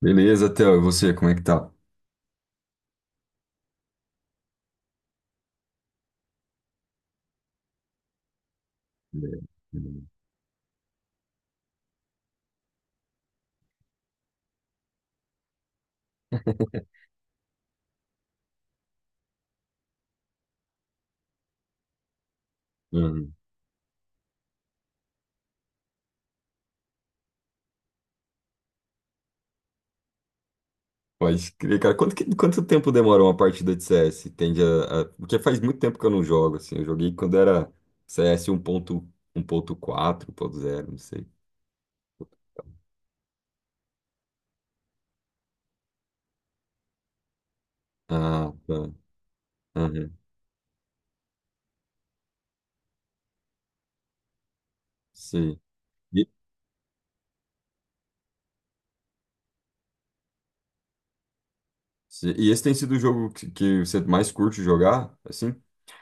Beleza, Theo, e você, como é que tá? Beleza. Uhum. Pode crer, cara. Quanto tempo demora uma partida de CS? Porque faz muito tempo que eu não jogo, assim. Eu joguei quando era CS ponto 1.4, 1.0, não sei. Ah, tá. Aham, sim. E esse tem sido o jogo que você mais curte jogar, assim?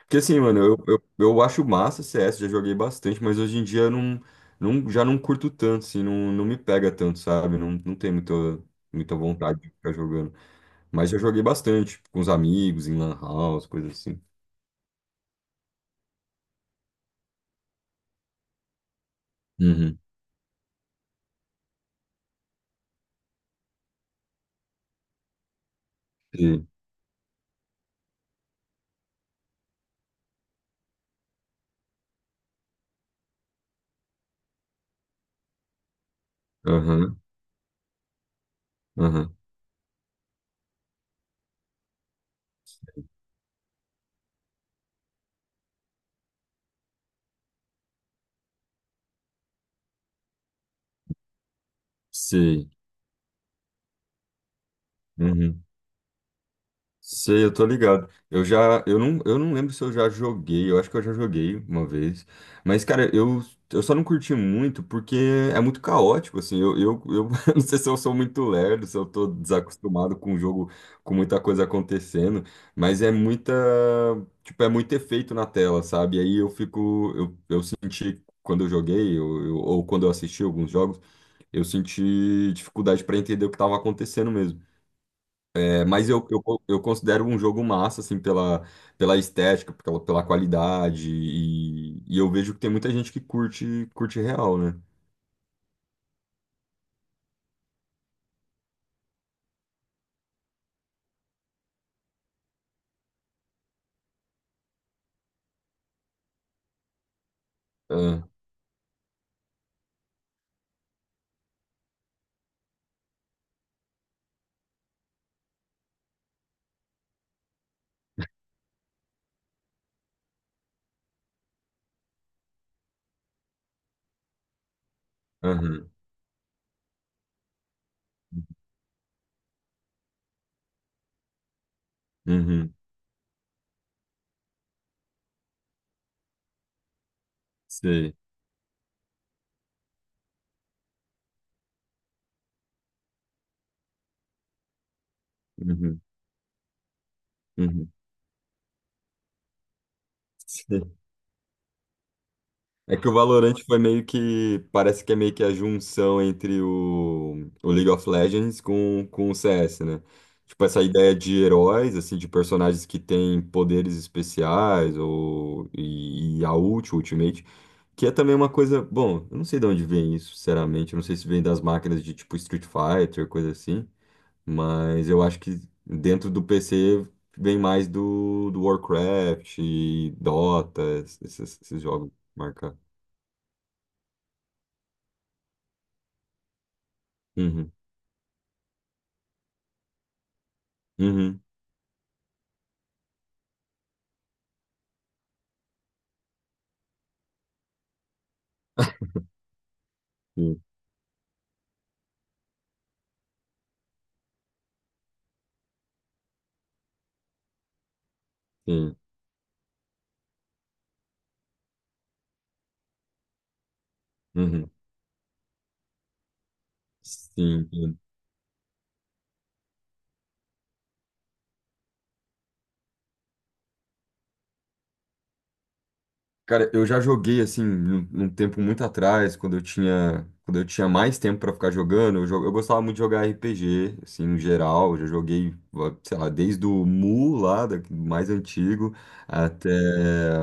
Porque assim, mano, eu acho massa CS, já joguei bastante, mas hoje em dia eu não, não, já não curto tanto, assim, não, não me pega tanto, sabe? Não, não tenho muita, muita vontade de ficar jogando. Mas já joguei bastante, com os amigos, em lan house, coisas assim. Uhum. Sim. Aham, aham. Sim. Sei, eu tô ligado. Eu não lembro se eu já joguei, eu acho que eu já joguei uma vez. Mas, cara, eu só não curti muito porque é muito caótico, assim. Eu não sei se eu sou muito lerdo, se eu tô desacostumado com o jogo, com muita coisa acontecendo, mas tipo, é muito efeito na tela, sabe? E aí eu fico, eu senti quando eu joguei, ou quando eu assisti alguns jogos, eu senti dificuldade para entender o que estava acontecendo mesmo. É, mas eu considero um jogo massa, assim, pela estética, pela qualidade, e eu vejo que tem muita gente que curte real, né? Ah. Aham. Uhum. Uhum. Sei. Uhum. Uhum. É que o Valorant foi meio que. Parece que é meio que a junção entre o League of Legends com o CS, né? Tipo, essa ideia de heróis, assim, de personagens que têm poderes especiais ou, e a ult, o Ultimate, que é também uma coisa. Bom, eu não sei de onde vem isso, sinceramente. Eu não sei se vem das máquinas de tipo Street Fighter, coisa assim. Mas eu acho que dentro do PC vem mais do Warcraft e Dota, esses jogos marcados. Uhum. Uhum. Sim. Sim. Uhum. Sim. Cara, eu já joguei assim num tempo muito atrás, quando eu tinha mais tempo pra ficar jogando, eu gostava muito de jogar RPG, assim, no geral, eu já joguei, sei lá, desde o Mu lá, mais antigo, até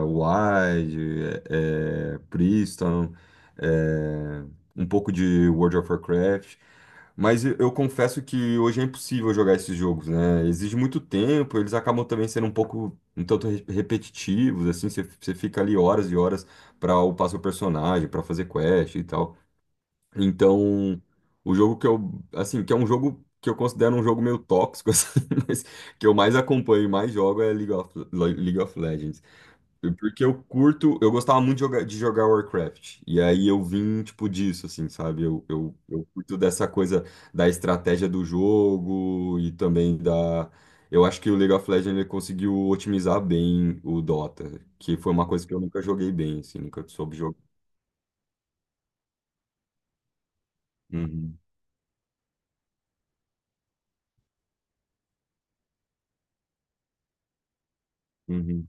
Wide, Priston, é, um pouco de World of Warcraft. Mas eu confesso que hoje é impossível jogar esses jogos, né? Exige muito tempo, eles acabam também sendo um pouco um tanto repetitivos, assim, você fica ali horas e horas para upar seu personagem, para fazer quest e tal. Então, o jogo que eu, assim, que é um jogo que eu considero um jogo meio tóxico, assim, mas que eu mais acompanho e mais jogo é League of Legends. Porque eu curto, eu gostava muito de jogar Warcraft. E aí eu vim, tipo, disso, assim, sabe? Eu curto dessa coisa da estratégia do jogo e também da. Eu acho que o League of Legends ele conseguiu otimizar bem o Dota, que foi uma coisa que eu nunca joguei bem, assim, nunca soube jogar. Uhum. Uhum.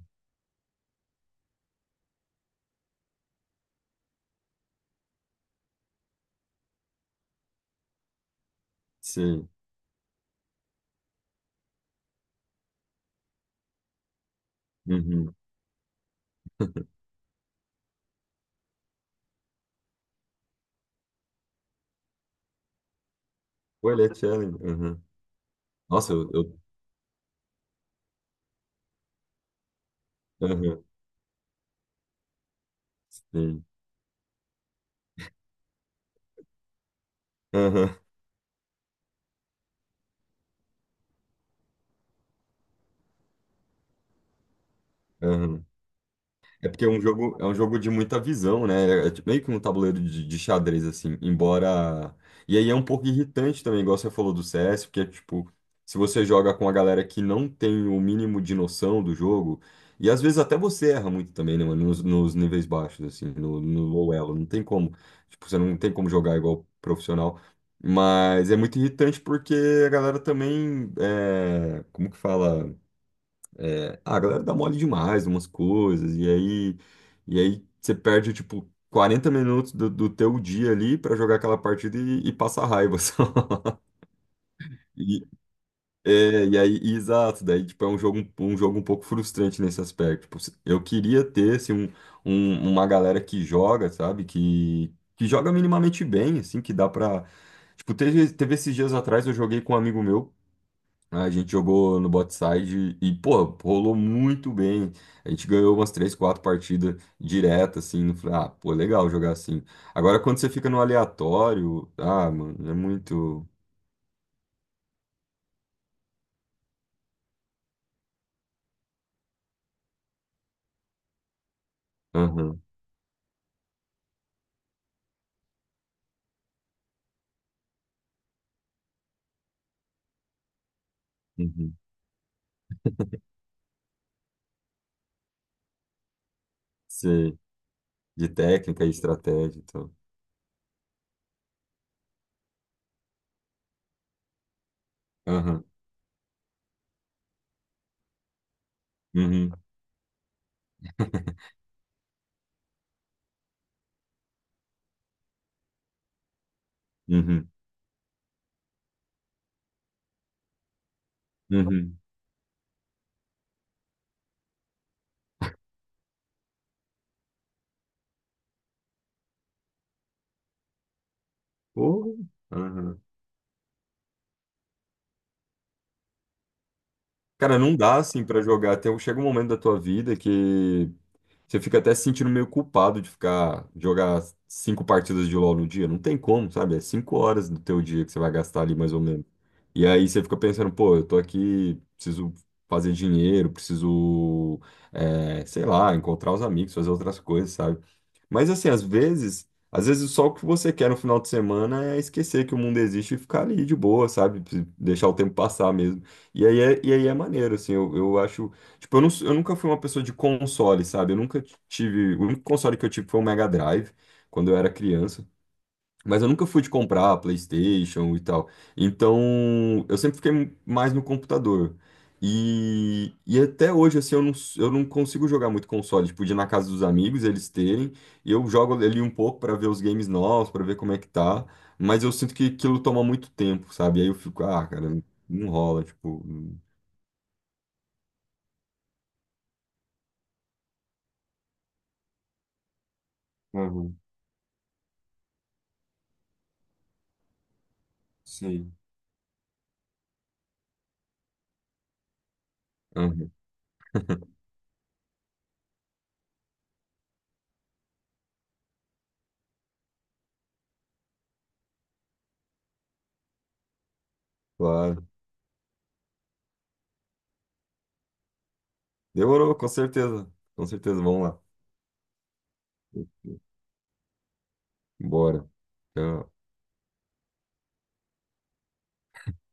Sim. Uhum. Pô, ele é challenge. Uhum. Nossa, eu. Aham, sim. Aham, aham. É porque é um jogo de muita visão, né? É meio que um tabuleiro de xadrez, assim, embora. E aí é um pouco irritante também, igual você falou do CS, porque, tipo, se você joga com a galera que não tem o mínimo de noção do jogo, e às vezes até você erra muito também, né, mano? Nos níveis baixos, assim, no low elo. Não tem como. Tipo, você não tem como jogar igual profissional. Mas é muito irritante porque a galera também. É, como que fala? É, ah, a galera dá mole demais, umas coisas, e aí, você perde, tipo, 40 minutos do teu dia ali pra jogar aquela partida e passa raiva só. E, é, e aí, e exato, daí, tipo, é um jogo, um jogo um pouco frustrante nesse aspecto. Tipo, eu queria ter, assim, um, uma galera que joga, sabe, que joga minimamente bem, assim, que dá pra... Tipo, teve esses dias atrás, eu joguei com um amigo meu, né, a gente jogou no Botside e, pô, rolou muito bem. A gente ganhou umas três, quatro partidas direto, assim. Eu falei, ah, pô, legal jogar assim. Agora, quando você fica no aleatório, ah, mano, é muito. Aham. Uhum. Sei. De técnica e estratégia, então. Aham. Uhum. Uhum. Uhum. Porra. Aham. Cara, não dá, assim, pra jogar. Chega um momento da tua vida que você fica até se sentindo meio culpado de ficar, de jogar cinco partidas de LoL no dia. Não tem como, sabe? É 5 horas do teu dia que você vai gastar ali mais ou menos. E aí você fica pensando, pô, eu tô aqui, preciso fazer dinheiro, preciso, é, sei lá, encontrar os amigos, fazer outras coisas, sabe? Mas assim, às vezes só o que você quer no final de semana é esquecer que o mundo existe e ficar ali de boa, sabe? Deixar o tempo passar mesmo. E aí é maneiro, assim, eu acho. Tipo, eu, eu nunca fui uma pessoa de console, sabe? Eu nunca tive. O único console que eu tive foi o Mega Drive, quando eu era criança. Mas eu nunca fui de comprar PlayStation e tal. Então, eu sempre fiquei mais no computador. E até hoje, assim, eu não consigo jogar muito console. Tipo, de ir na casa dos amigos, eles terem. E eu jogo ali um pouco pra ver os games novos, pra ver como é que tá. Mas eu sinto que aquilo toma muito tempo, sabe? Aí eu fico, ah, cara, não rola, tipo. Aham, sim. Uhum. Claro. Demorou, com certeza. Com certeza, vamos lá. Bora. Já-